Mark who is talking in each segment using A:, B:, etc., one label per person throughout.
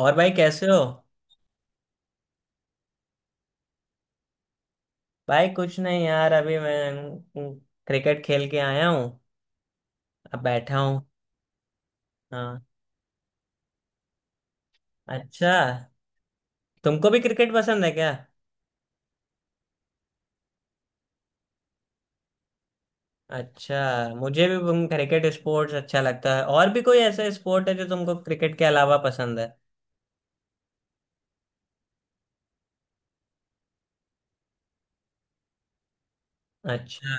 A: और भाई कैसे हो। भाई कुछ नहीं यार अभी मैं क्रिकेट खेल के आया हूँ। अब बैठा हूँ। हाँ। अच्छा। तुमको भी क्रिकेट पसंद है क्या? अच्छा। मुझे भी तुम क्रिकेट स्पोर्ट्स अच्छा लगता है, और भी कोई ऐसा स्पोर्ट है जो तुमको क्रिकेट के अलावा पसंद है? अच्छा।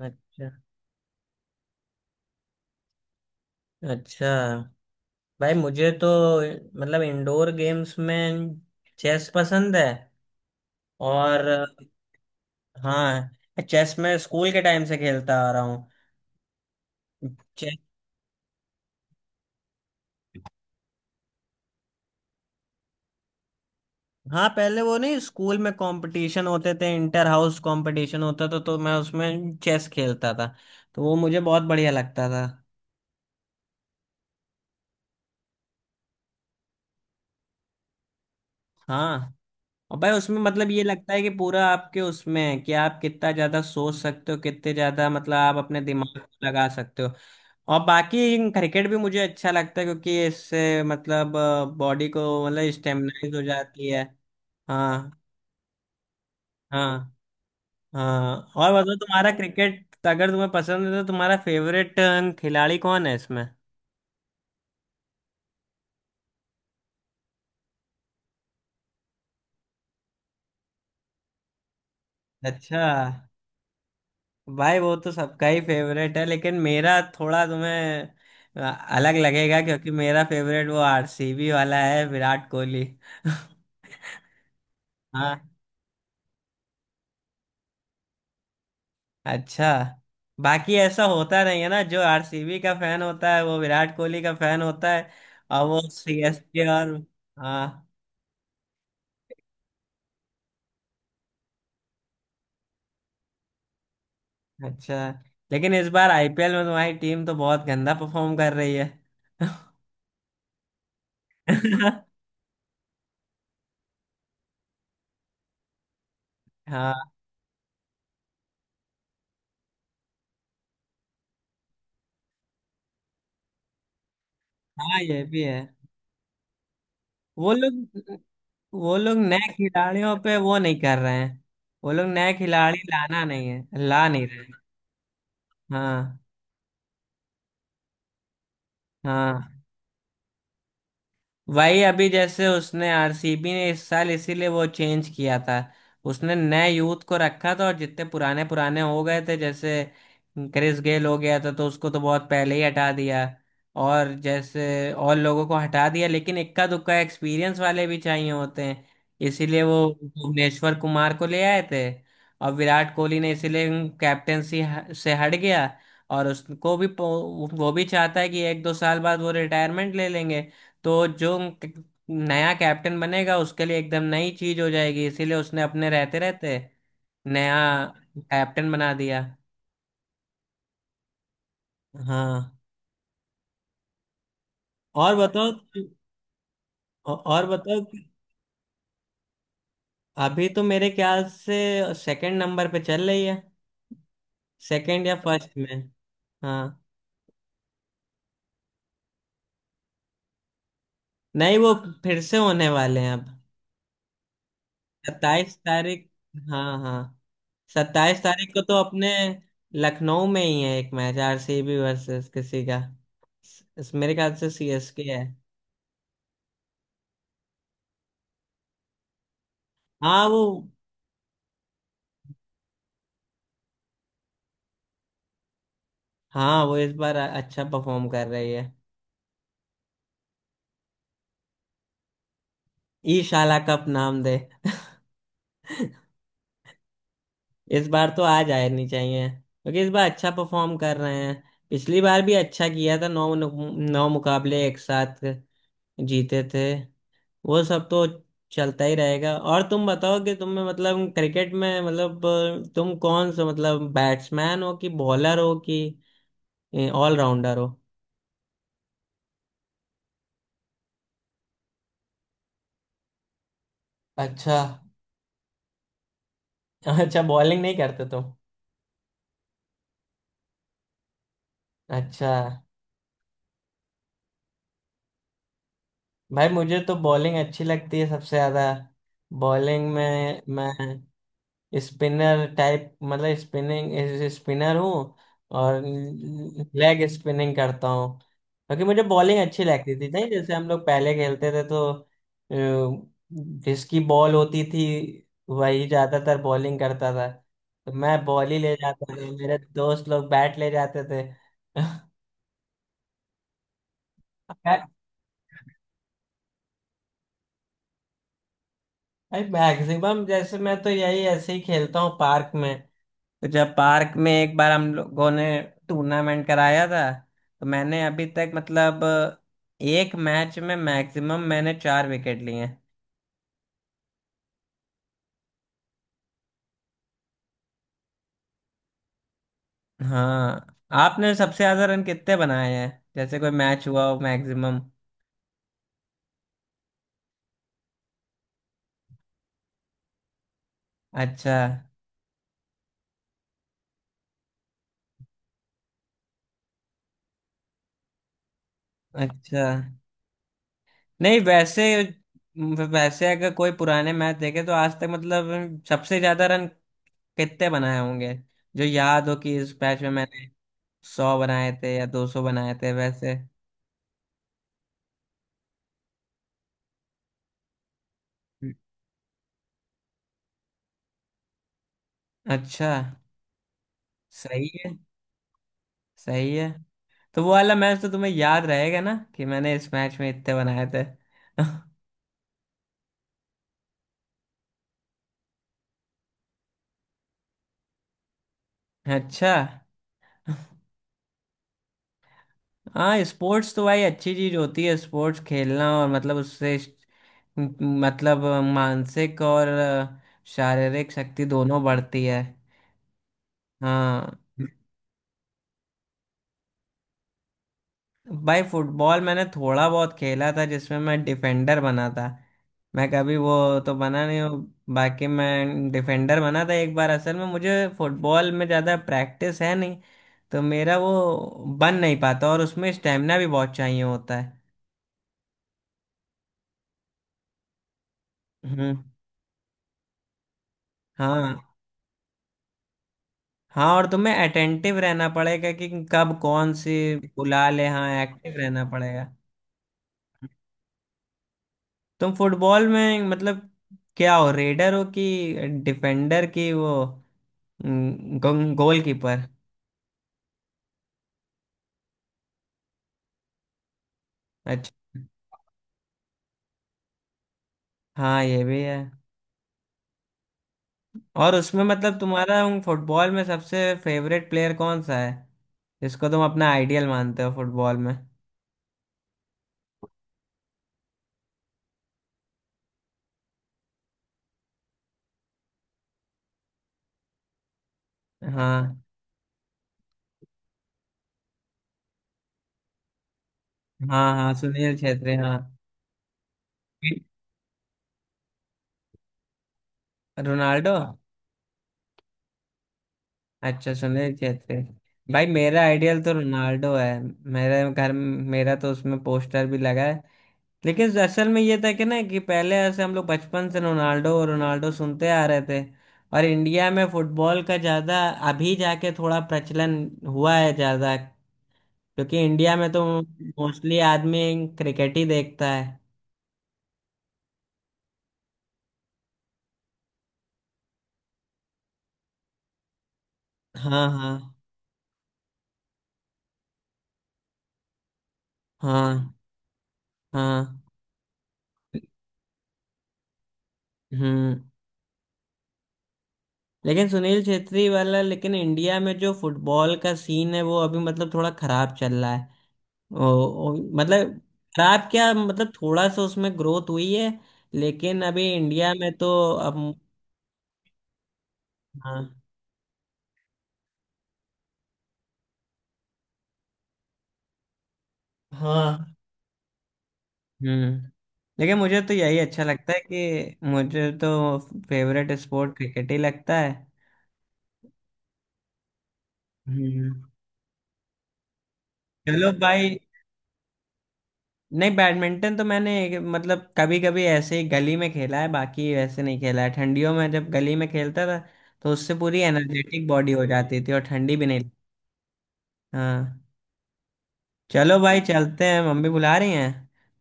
A: अच्छा। अच्छा भाई मुझे तो मतलब इंडोर गेम्स में चेस पसंद है। और हाँ, चेस में स्कूल के टाइम से खेलता आ रहा हूँ। हाँ, पहले वो नहीं स्कूल में कंपटीशन होते थे, इंटर हाउस कंपटीशन होता था, तो मैं उसमें चेस खेलता था। तो वो मुझे बहुत बढ़िया लगता था। हाँ। और भाई उसमें मतलब ये लगता है कि पूरा आपके उसमें है कि आप कितना ज्यादा सोच सकते हो, कितने ज्यादा मतलब आप अपने दिमाग को लगा सकते हो। और बाकी क्रिकेट भी मुझे अच्छा लगता है क्योंकि इससे मतलब बॉडी को मतलब स्टेमिनाइज हो जाती है। हाँ। हाँ। हाँ, और बताओ तुम्हारा क्रिकेट अगर तुम्हें पसंद है तो तुम्हारा फेवरेट खिलाड़ी कौन है इसमें? अच्छा। भाई वो तो सबका ही फेवरेट है, लेकिन मेरा थोड़ा तुम्हें अ, अलग लगेगा क्योंकि मेरा फेवरेट वो आरसीबी वाला है, विराट कोहली। हाँ। अच्छा। बाकी ऐसा होता नहीं है ना जो आरसीबी का फैन होता है वो विराट कोहली का फैन होता है, और वो सीएसके और। हाँ। अच्छा, लेकिन इस बार आईपीएल में तुम्हारी टीम तो बहुत गंदा परफॉर्म कर रही है। हाँ, हाँ, ये भी है। वो लोग वो लोग नए खिलाड़ियों पे वो नहीं कर रहे हैं। वो लोग नए खिलाड़ी लाना नहीं है, ला नहीं रहे हैं। हाँ। हाँ। वही अभी जैसे उसने, आरसीबी ने इस साल इसीलिए वो चेंज किया था। उसने नए यूथ को रखा था, और जितने पुराने पुराने हो गए थे, जैसे क्रिस गेल हो गया था तो उसको तो बहुत पहले ही हटा दिया। और जैसे और लोगों को हटा दिया, लेकिन इक्का दुक्का एक्सपीरियंस वाले भी चाहिए होते हैं, इसीलिए वो भुवनेश्वर कुमार को ले आए थे। और विराट कोहली ने इसीलिए कैप्टेंसी से हट गया। और उसको भी वो भी चाहता है कि एक दो साल बाद वो रिटायरमेंट ले लेंगे। तो जो क- नया कैप्टन बनेगा उसके लिए एकदम नई चीज हो जाएगी, इसीलिए उसने अपने रहते रहते नया कैप्टन बना दिया। हाँ, और बताओ। और बताओ। अभी तो मेरे ख्याल से सेकंड नंबर पे चल रही है। सेकंड या फर्स्ट में। हाँ। नहीं, वो फिर से होने वाले हैं अब। 27 तारीख। हाँ। हाँ। 27 तारीख को तो अपने लखनऊ में ही है एक मैच, आरसीबी वर्सेस किसी का। मेरे ख्याल से सीएसके है। हाँ वो हाँ, वो इस बार अच्छा परफॉर्म कर रही है। ई शाला कप नाम दे। इस बार तो आ जानी चाहिए क्योंकि इस बार अच्छा परफॉर्म कर रहे हैं। पिछली बार भी अच्छा किया था, नौ नौ मुकाबले एक साथ जीते थे। वो सब तो चलता ही रहेगा। और तुम बताओ कि तुम्हें मतलब क्रिकेट में मतलब तुम कौन सा मतलब बैट्समैन हो कि बॉलर हो कि ऑलराउंडर हो? अच्छा। अच्छा, बॉलिंग नहीं करते तुम? अच्छा। भाई मुझे तो बॉलिंग अच्छी लगती है सबसे ज़्यादा। बॉलिंग में मैं स्पिनर टाइप मतलब स्पिनिंग स्पिनर हूँ। और लेग स्पिनिंग करता हूँ, क्योंकि मुझे बॉलिंग अच्छी लगती थी नहीं जैसे हम लोग पहले खेलते थे तो अ, जिसकी बॉल होती थी वही ज्यादातर बॉलिंग करता था। तो मैं बॉल ही ले जाता था, मेरे दोस्त लोग बैट ले जाते थे। मैक्सिमम जैसे मैं तो यही ऐसे ही खेलता हूँ पार्क में। तो जब पार्क में एक बार हम लोगों ने टूर्नामेंट कराया था तो मैंने अभी तक मतलब एक मैच में मैक्सिमम मैंने चार विकेट लिए हैं। हाँ। आपने सबसे ज्यादा रन कितने बनाए हैं जैसे कोई मैच हुआ हो मैक्सिमम? अच्छा। अच्छा। नहीं वैसे वैसे अगर कोई पुराने मैच देखे तो आज तक मतलब सबसे ज्यादा रन कितने बनाए होंगे, जो याद हो कि इस मैच में मैंने 100 बनाए थे या 200 बनाए थे वैसे? अच्छा। सही है। सही है। तो वो वाला मैच तो तुम्हें याद रहेगा ना कि मैंने इस मैच में इतने बनाए थे? अच्छा। हाँ, स्पोर्ट्स तो भाई अच्छी चीज होती है स्पोर्ट्स खेलना, और मतलब उससे मतलब मानसिक और शारीरिक शक्ति दोनों बढ़ती है। हाँ। भाई फुटबॉल मैंने थोड़ा बहुत खेला था जिसमें मैं डिफेंडर बना था। मैं कभी वो तो बना नहीं हूँ। बाकी मैं डिफेंडर बना था एक बार, असल में मुझे फुटबॉल में ज़्यादा प्रैक्टिस है नहीं तो मेरा वो बन नहीं पाता, और उसमें स्टेमिना भी बहुत चाहिए होता है। हम्म। हाँ। हाँ, और तुम्हें अटेंटिव रहना पड़ेगा कि कब कौन सी बुला ले, हाँ एक्टिव रहना पड़ेगा। तुम फुटबॉल में मतलब क्या हो, रेडर हो कि डिफेंडर की वो गोल कीपर? अच्छा। हाँ, ये भी है। और उसमें मतलब तुम्हारा उन फुटबॉल में सबसे फेवरेट प्लेयर कौन सा है, जिसको तुम अपना आइडियल मानते हो फुटबॉल में? हाँ। हाँ। हाँ, सुनील छेत्री, हाँ। रोनाल्डो। अच्छा, सुनील छेत्री। भाई मेरा आइडियल तो रोनाल्डो है। मेरे घर मेरा तो उसमें पोस्टर भी लगा है। लेकिन असल में ये था कि ना कि पहले ऐसे हम लोग बचपन से रोनाल्डो रोनाल्डो सुनते आ रहे थे। और इंडिया में फुटबॉल का ज़्यादा अभी जाके थोड़ा प्रचलन हुआ है ज़्यादा, क्योंकि इंडिया में तो मोस्टली आदमी क्रिकेट ही देखता है। हाँ। हाँ। हाँ। हाँ। हम्म। लेकिन सुनील छेत्री वाला, लेकिन इंडिया में जो फुटबॉल का सीन है वो अभी मतलब थोड़ा खराब चल रहा है। ओ, ओ, मतलब खराब क्या, मतलब थोड़ा सा उसमें ग्रोथ हुई है। लेकिन अभी इंडिया में तो अब। हाँ। हाँ। हम्म। लेकिन मुझे तो यही अच्छा लगता है कि मुझे तो फेवरेट स्पोर्ट क्रिकेट ही लगता है। हम्म। चलो भाई। नहीं, बैडमिंटन तो मैंने मतलब कभी कभी ऐसे ही गली में खेला है, बाकी वैसे नहीं खेला है, ठंडियों में जब गली में खेलता था तो उससे पूरी एनर्जेटिक बॉडी हो जाती थी और ठंडी भी नहीं। हाँ। चलो भाई चलते हैं, मम्मी बुला रही हैं।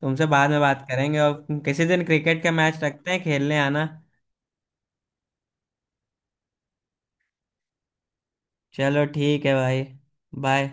A: तुमसे बाद में बात करेंगे, और किसी दिन क्रिकेट का मैच रखते हैं, खेलने आना। चलो ठीक है भाई। बाय।